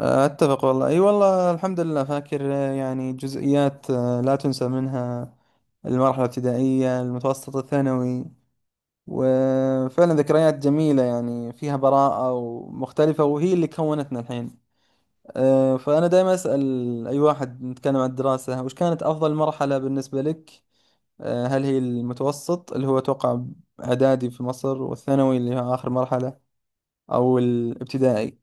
أتفق والله، أي والله، الحمد لله فاكر، يعني جزئيات لا تنسى منها. المرحلة الابتدائية، المتوسط، الثانوي. وفعلا ذكريات جميلة يعني، فيها براءة ومختلفة، وهي اللي كونتنا الحين. فأنا دائما أسأل أي واحد نتكلم عن الدراسة، وش كانت أفضل مرحلة بالنسبة لك؟ هل هي المتوسط اللي هو أتوقع إعدادي في مصر، والثانوي اللي هي آخر مرحلة، أو الابتدائي؟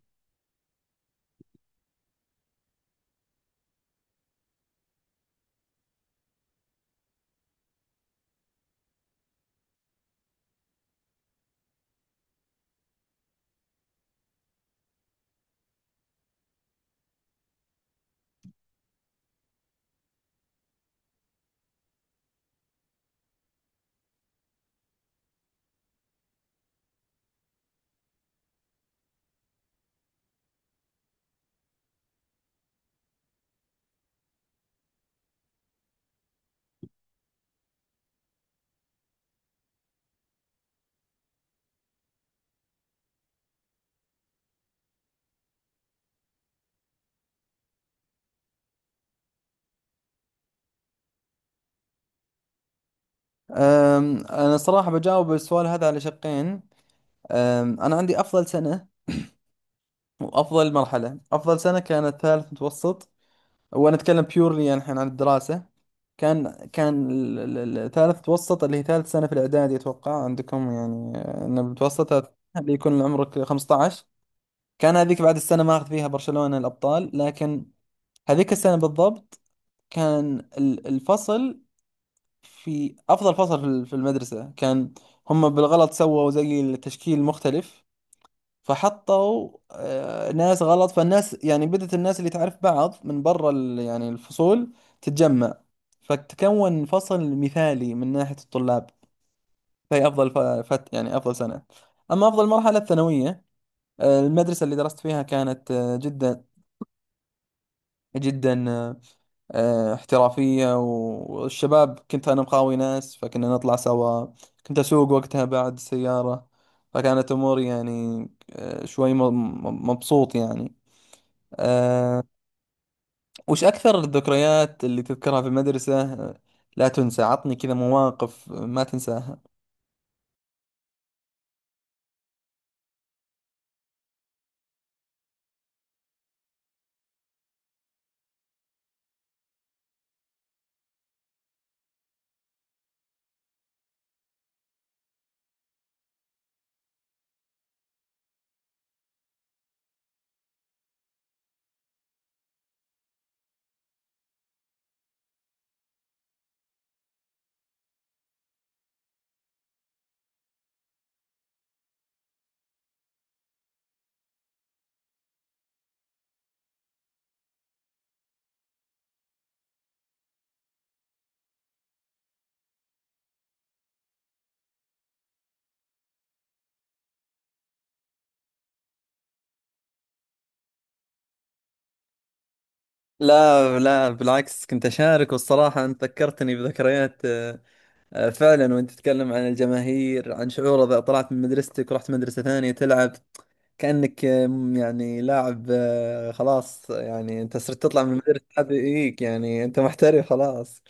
أنا صراحة بجاوب السؤال هذا على شقين. أنا عندي أفضل سنة وأفضل مرحلة. أفضل سنة كانت ثالث متوسط، وأنا أتكلم بيورلي يعني الحين عن الدراسة. كان ثالث متوسط اللي هي ثالث سنة في الإعدادي أتوقع عندكم، يعني إن المتوسط هذا اللي يكون عمرك 15. كان هذيك بعد السنة ما أخذ فيها برشلونة الأبطال، لكن هذيك السنة بالضبط كان الفصل في أفضل فصل في المدرسة. كان هم بالغلط سووا زي التشكيل مختلف، فحطوا ناس غلط، فالناس يعني بدأت الناس اللي تعرف بعض من برا يعني الفصول تتجمع، فتكون فصل مثالي من ناحية الطلاب. فهي أفضل ف- فت يعني أفضل سنة. أما أفضل مرحلة الثانوية، المدرسة اللي درست فيها كانت جدا جدا احترافية، والشباب كنت أنا مقاوي ناس، فكنا نطلع سوا. كنت أسوق وقتها بعد السيارة، فكانت أموري يعني شوي مبسوط يعني. أه. وش أكثر الذكريات اللي تذكرها في المدرسة لا تنسى؟ عطني كذا مواقف ما تنساها. لا لا، بالعكس كنت أشارك، والصراحة أنت ذكرتني بذكريات فعلا. وأنت تتكلم عن الجماهير، عن شعور إذا طلعت من مدرستك ورحت مدرسة ثانية تلعب، كأنك يعني لاعب خلاص، يعني أنت صرت تطلع من المدرسة هذه إيك، يعني أنت محترف خلاص.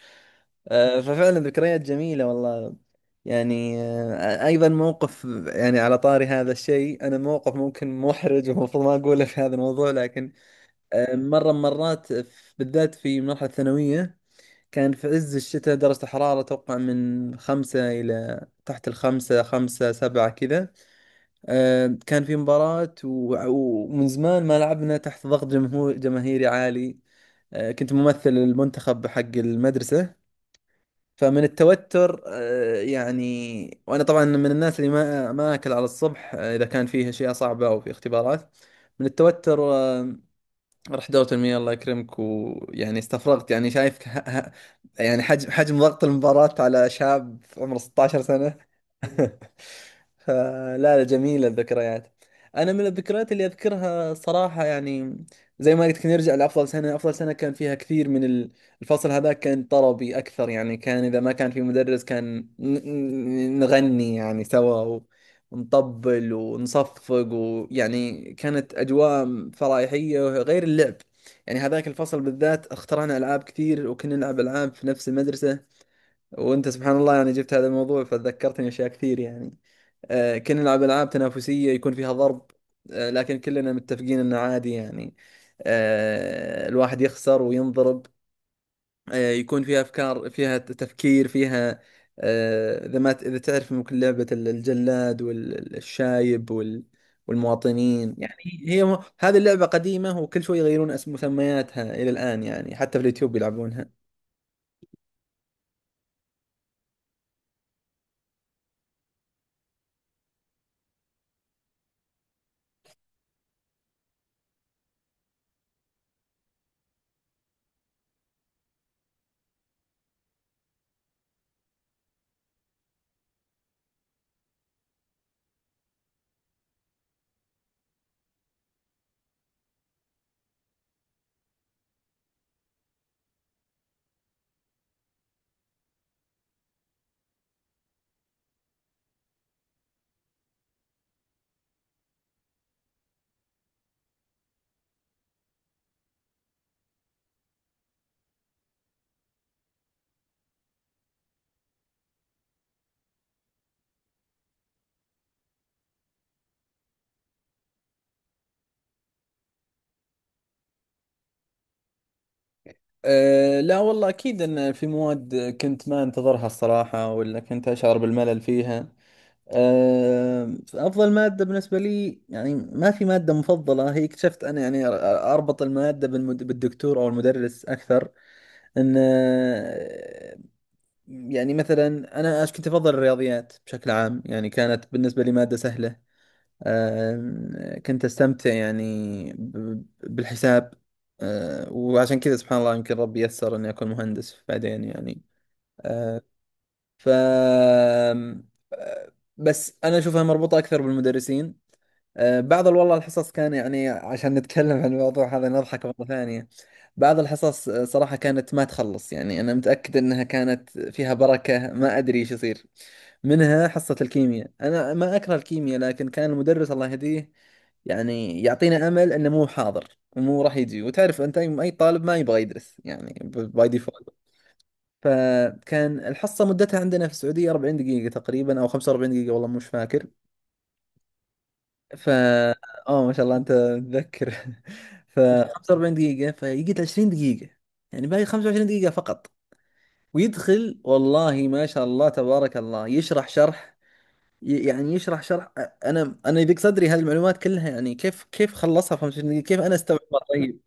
ففعلا ذكريات جميلة والله. يعني أيضا موقف، يعني على طاري هذا الشيء، أنا موقف ممكن محرج ومفروض ما أقوله في هذا الموضوع، لكن مرة من مرات بالذات في مرحلة الثانوية، كان في عز الشتاء درجة الحرارة توقع من خمسة إلى تحت الخمسة، خمسة سبعة كذا. كان في مباراة، ومن زمان ما لعبنا تحت ضغط جمهور جماهيري عالي. كنت ممثل المنتخب حق المدرسة. فمن التوتر يعني، وانا طبعا من الناس اللي ما اكل على الصبح اذا كان فيه اشياء صعبه او في اختبارات. من التوتر رحت دورة المياه الله يكرمك، ويعني استفرغت، يعني شايف يعني حجم ضغط المباراة على شاب عمره 16 سنة. فلا لا، جميلة الذكريات. أنا من الذكريات اللي أذكرها صراحة يعني، زي ما قلت لك، نرجع لأفضل سنة. أفضل سنة كان فيها كثير من الفصل هذا كان طربي أكثر، يعني كان إذا ما كان في مدرس كان نغني يعني سوا، نطبل ونصفق، ويعني كانت أجواء فرايحية غير اللعب. يعني هذاك الفصل بالذات اخترعنا ألعاب كثير، وكنا نلعب ألعاب في نفس المدرسة. وأنت سبحان الله يعني جبت هذا الموضوع فذكرتني أشياء كثير يعني. كنا نلعب ألعاب تنافسية يكون فيها ضرب، لكن كلنا متفقين أنه عادي يعني، الواحد يخسر وينضرب. يكون فيها افكار، فيها تفكير، فيها اذا ما اذا تعرف، ممكن لعبة الجلاد والشايب والمواطنين يعني. هذه اللعبة قديمة، وكل شوي يغيرون اسم مسمياتها الى الان، يعني حتى في اليوتيوب يلعبونها. أه لا والله، أكيد أن في مواد كنت ما أنتظرها الصراحة، ولا كنت أشعر بالملل فيها. أه، أفضل مادة بالنسبة لي، يعني ما في مادة مفضلة هي، اكتشفت أنا يعني أربط المادة بالدكتور أو المدرس أكثر. ان يعني مثلا، كنت افضل الرياضيات بشكل عام، يعني كانت بالنسبه لي ماده سهله. كنت استمتع يعني بالحساب. وعشان كذا سبحان الله، يمكن ربي يسر اني اكون مهندس بعدين يعني. آه، ف آم، آه، بس انا اشوفها مربوطه اكثر بالمدرسين. بعض والله الحصص كان، يعني عشان نتكلم عن الموضوع هذا نضحك مرة ثانية، بعض الحصص صراحة كانت ما تخلص، يعني أنا متأكد أنها كانت فيها بركة، ما أدري إيش يصير. منها حصة الكيمياء، أنا ما أكره الكيمياء، لكن كان المدرس الله يهديه يعني يعطينا أمل أنه مو حاضر ومو راح يجي، وتعرف أنت أي أي طالب ما يبغى يدرس يعني باي ديفولت. فكان الحصة مدتها عندنا في السعودية 40 دقيقة تقريبا أو 45 دقيقة، والله مش فاكر. ف اه ما شاء الله انت متذكر. ف 45 دقيقة، فيقعد 20 دقيقة، يعني باقي 25 دقيقة فقط. ويدخل والله ما شاء الله تبارك الله، يشرح شرح، يعني يشرح شرح. انا يضيق صدري هالمعلومات كلها، يعني كيف خلصها في 25 دقيقة؟ كيف انا استوعبها طيب؟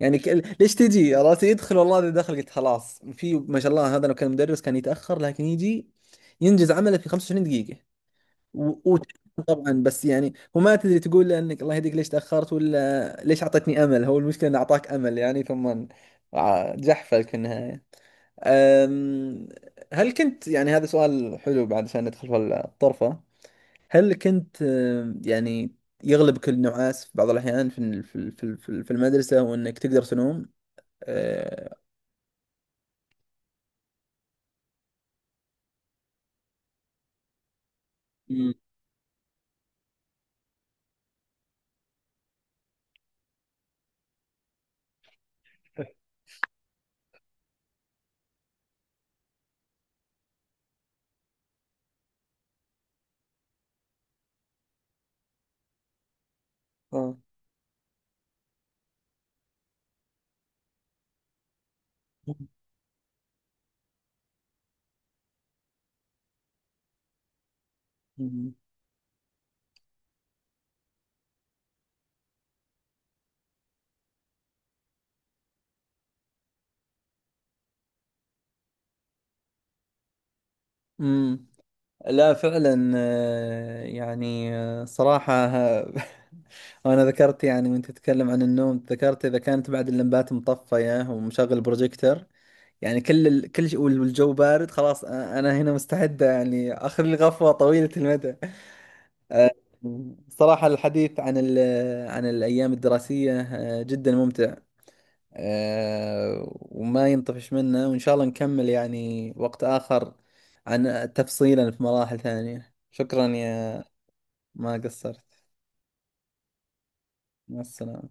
يعني ك... ليش تجي؟ عرفت يدخل، والله اذا دخل قلت خلاص، في ما شاء الله، هذا لو كان مدرس كان يتأخر، لكن يجي ينجز عمله في 25 دقيقة. و- وت- طبعا بس يعني، وما تدري تقول له انك الله يهديك ليش تاخرت، ولا ليش اعطيتني امل؟ هو المشكله انه اعطاك امل يعني، ثم جحفلك في النهايه. أم، هل كنت يعني، هذا سؤال حلو بعد عشان ندخل في الطرفه، هل كنت يعني يغلبك النعاس في بعض الاحيان في المدرسه، وانك تقدر تنوم؟ أه، مم. آه. مم. لا فعلا يعني صراحة وأنا ذكرت يعني، وأنت تتكلم عن النوم، ذكرت إذا كانت بعد اللمبات مطفية ومشغل بروجيكتر، يعني كل كل شيء والجو بارد، خلاص أنا، هنا مستعدة يعني آخذ لي غفوة طويلة المدى. آه، صراحة الحديث عن عن الأيام الدراسية جدا ممتع. وما ينطفش منه، وإن شاء الله نكمل يعني وقت آخر عن تفصيلا في مراحل ثانية. شكرا يا، ما قصرت. مع السلامة.